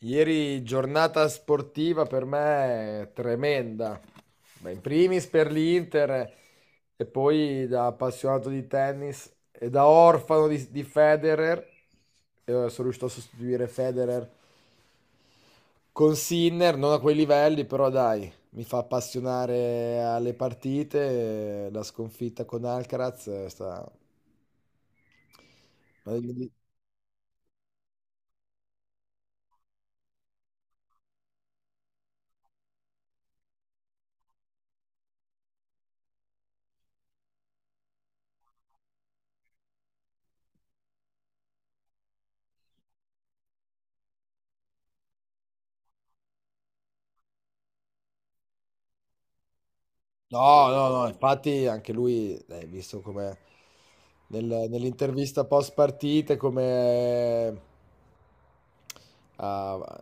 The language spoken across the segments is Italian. Ieri giornata sportiva per me tremenda. Beh, in primis per l'Inter e poi da appassionato di tennis e da orfano di Federer. Sono riuscito a sostituire Federer con Sinner, non a quei livelli, però dai, mi fa appassionare alle partite. La sconfitta con Alcaraz è. No, no, no, infatti anche lui, visto come nell'intervista post partita, come ha-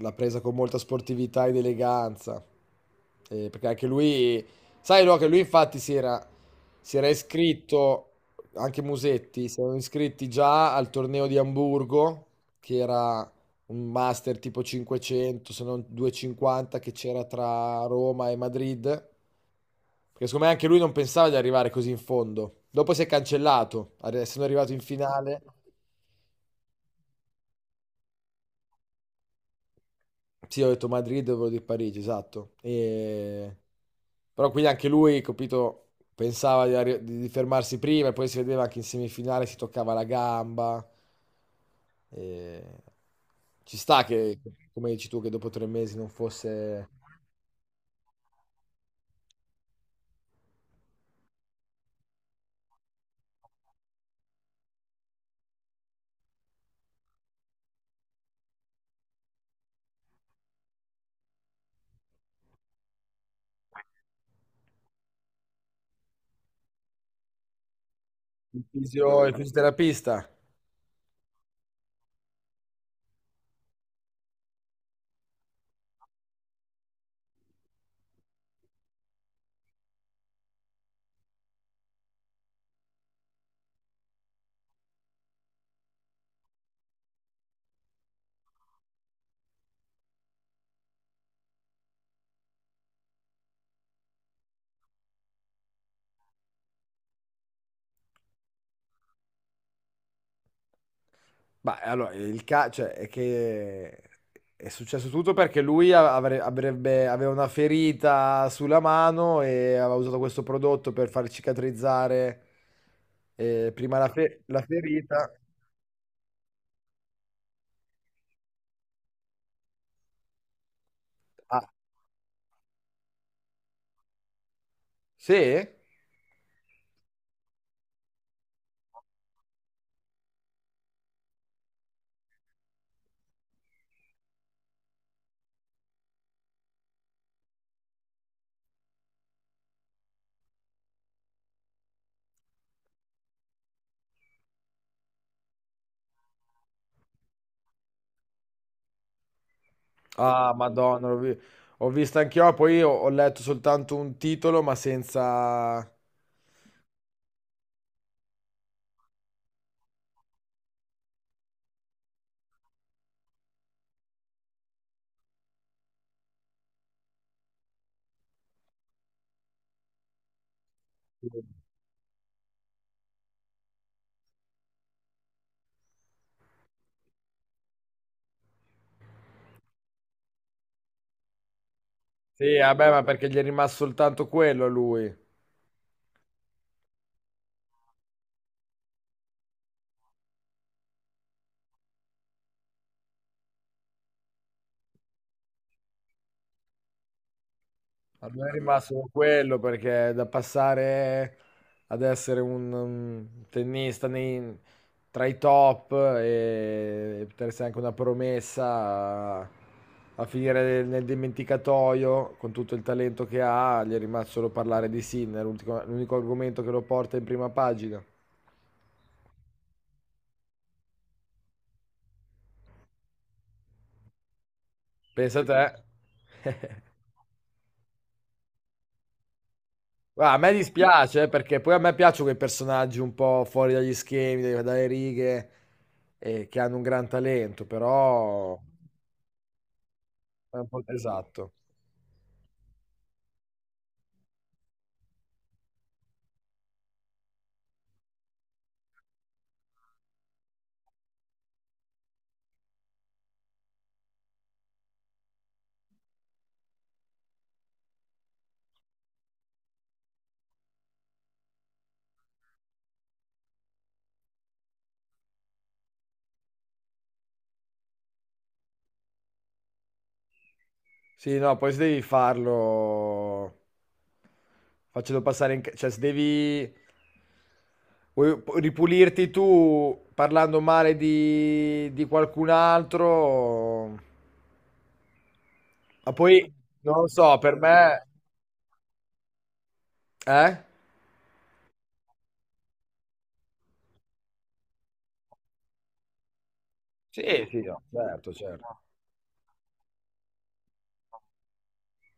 l'ha presa con molta sportività ed eleganza. Perché anche lui, sai, no, che lui infatti si era iscritto, anche Musetti, si erano iscritti già al torneo di Amburgo, che era un master tipo 500, se non 250 che c'era tra Roma e Madrid, perché secondo me anche lui non pensava di arrivare così in fondo. Dopo si è cancellato, essendo arrivato in finale, sì, ho detto Madrid, volevo dire Parigi, esatto. Però quindi anche lui, capito, pensava di fermarsi prima e poi si vedeva anche in semifinale si toccava la gamba. E... Ci sta che, come dici tu, che dopo 3 mesi non fosse. Il fisioterapista. Ma allora, cioè, è che è successo tutto perché lui aveva una ferita sulla mano e aveva usato questo prodotto per far cicatrizzare prima la ferita. Ah, sì? Ah, Madonna, ho visto anch'io, poi ho letto soltanto un titolo, ma senza. Sì, vabbè, ma perché gli è rimasto soltanto quello a lui. A me è rimasto quello perché da passare ad essere un tennista tra i top e poter essere anche una promessa a, a finire nel dimenticatoio con tutto il talento che ha, gli è rimasto solo parlare di Sinner, l'unico argomento che lo porta in prima pagina. Pensa a te. Guarda, a me dispiace perché poi a me piacciono quei personaggi un po' fuori dagli schemi, dalle righe, che hanno un gran talento, però è un po' esatto. Sì, no, poi se devi farlo facendo passare cioè se devi vuoi ripulirti tu parlando male di qualcun altro, ma poi non lo so, per me. Eh? Sì, sì, no, certo, certo.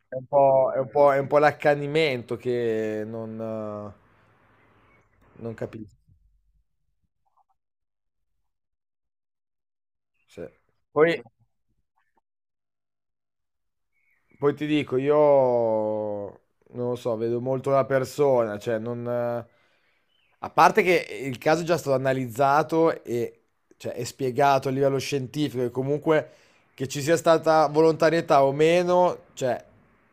È un po', è un po', è un po' l'accanimento che eh, non capisco. Sì. Poi, poi ti dico, io non lo so, vedo molto la persona, cioè non... a parte che il caso è già stato analizzato e cioè, è spiegato a livello scientifico e comunque che ci sia stata volontarietà o meno, cioè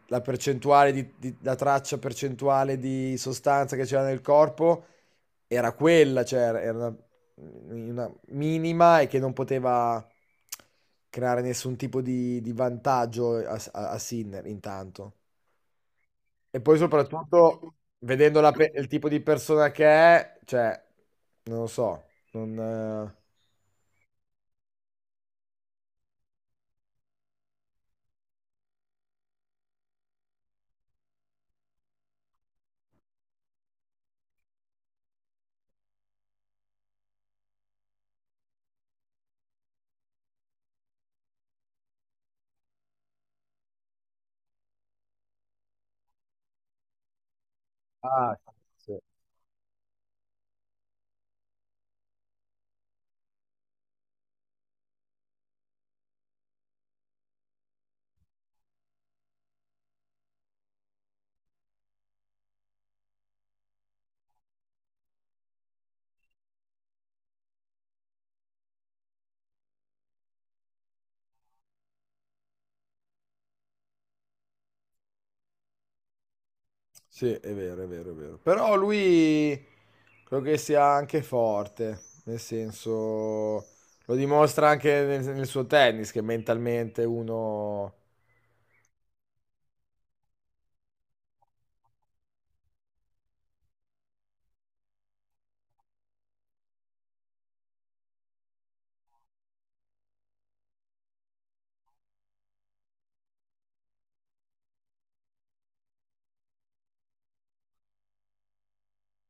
la percentuale la traccia percentuale di sostanza che c'era nel corpo era quella, cioè era una minima e che non poteva creare nessun tipo di vantaggio a Sinner intanto. E poi soprattutto, vedendo il tipo di persona che è, cioè, non lo so. Non... Ah, sì. Sì, è vero, è vero, è vero. Però lui credo che sia anche forte, nel senso. Lo dimostra anche nel suo tennis, che mentalmente uno.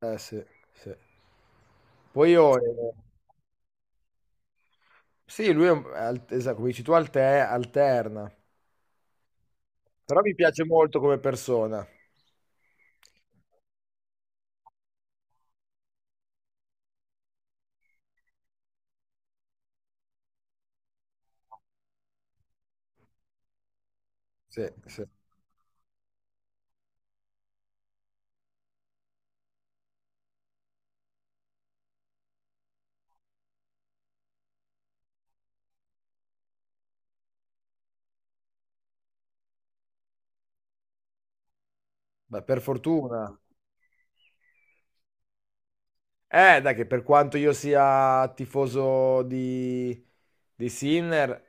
Eh sì, sì. Poi io. Sì, lui esatto, come dici tu, alterna. Però mi piace molto come persona. Sì, sì. Beh, per fortuna. Dai, che per quanto io sia tifoso di Sinner,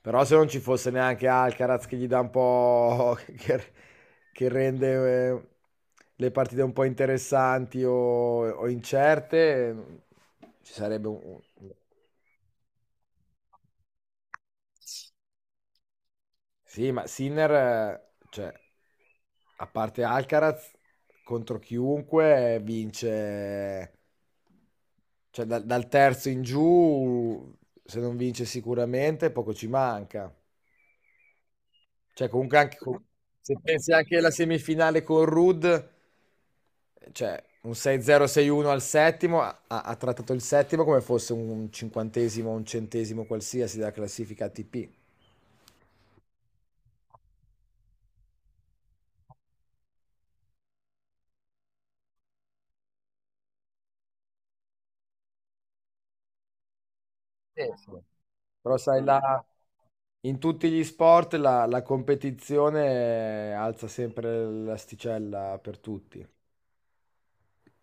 però se non ci fosse neanche Alcaraz che gli dà un po' che rende le partite un po' interessanti o incerte, ci sarebbe un. Sì, ma Sinner, cioè, a parte Alcaraz, contro chiunque vince, cioè dal terzo in giù, se non vince sicuramente, poco ci manca. Cioè, comunque anche se pensi anche alla semifinale con Ruud, cioè un 6-0, 6-1 al settimo, ha trattato il settimo come fosse un cinquantesimo, un centesimo qualsiasi della classifica ATP. Sì, sì. Però sai, in tutti gli sport la competizione alza sempre l'asticella per tutti.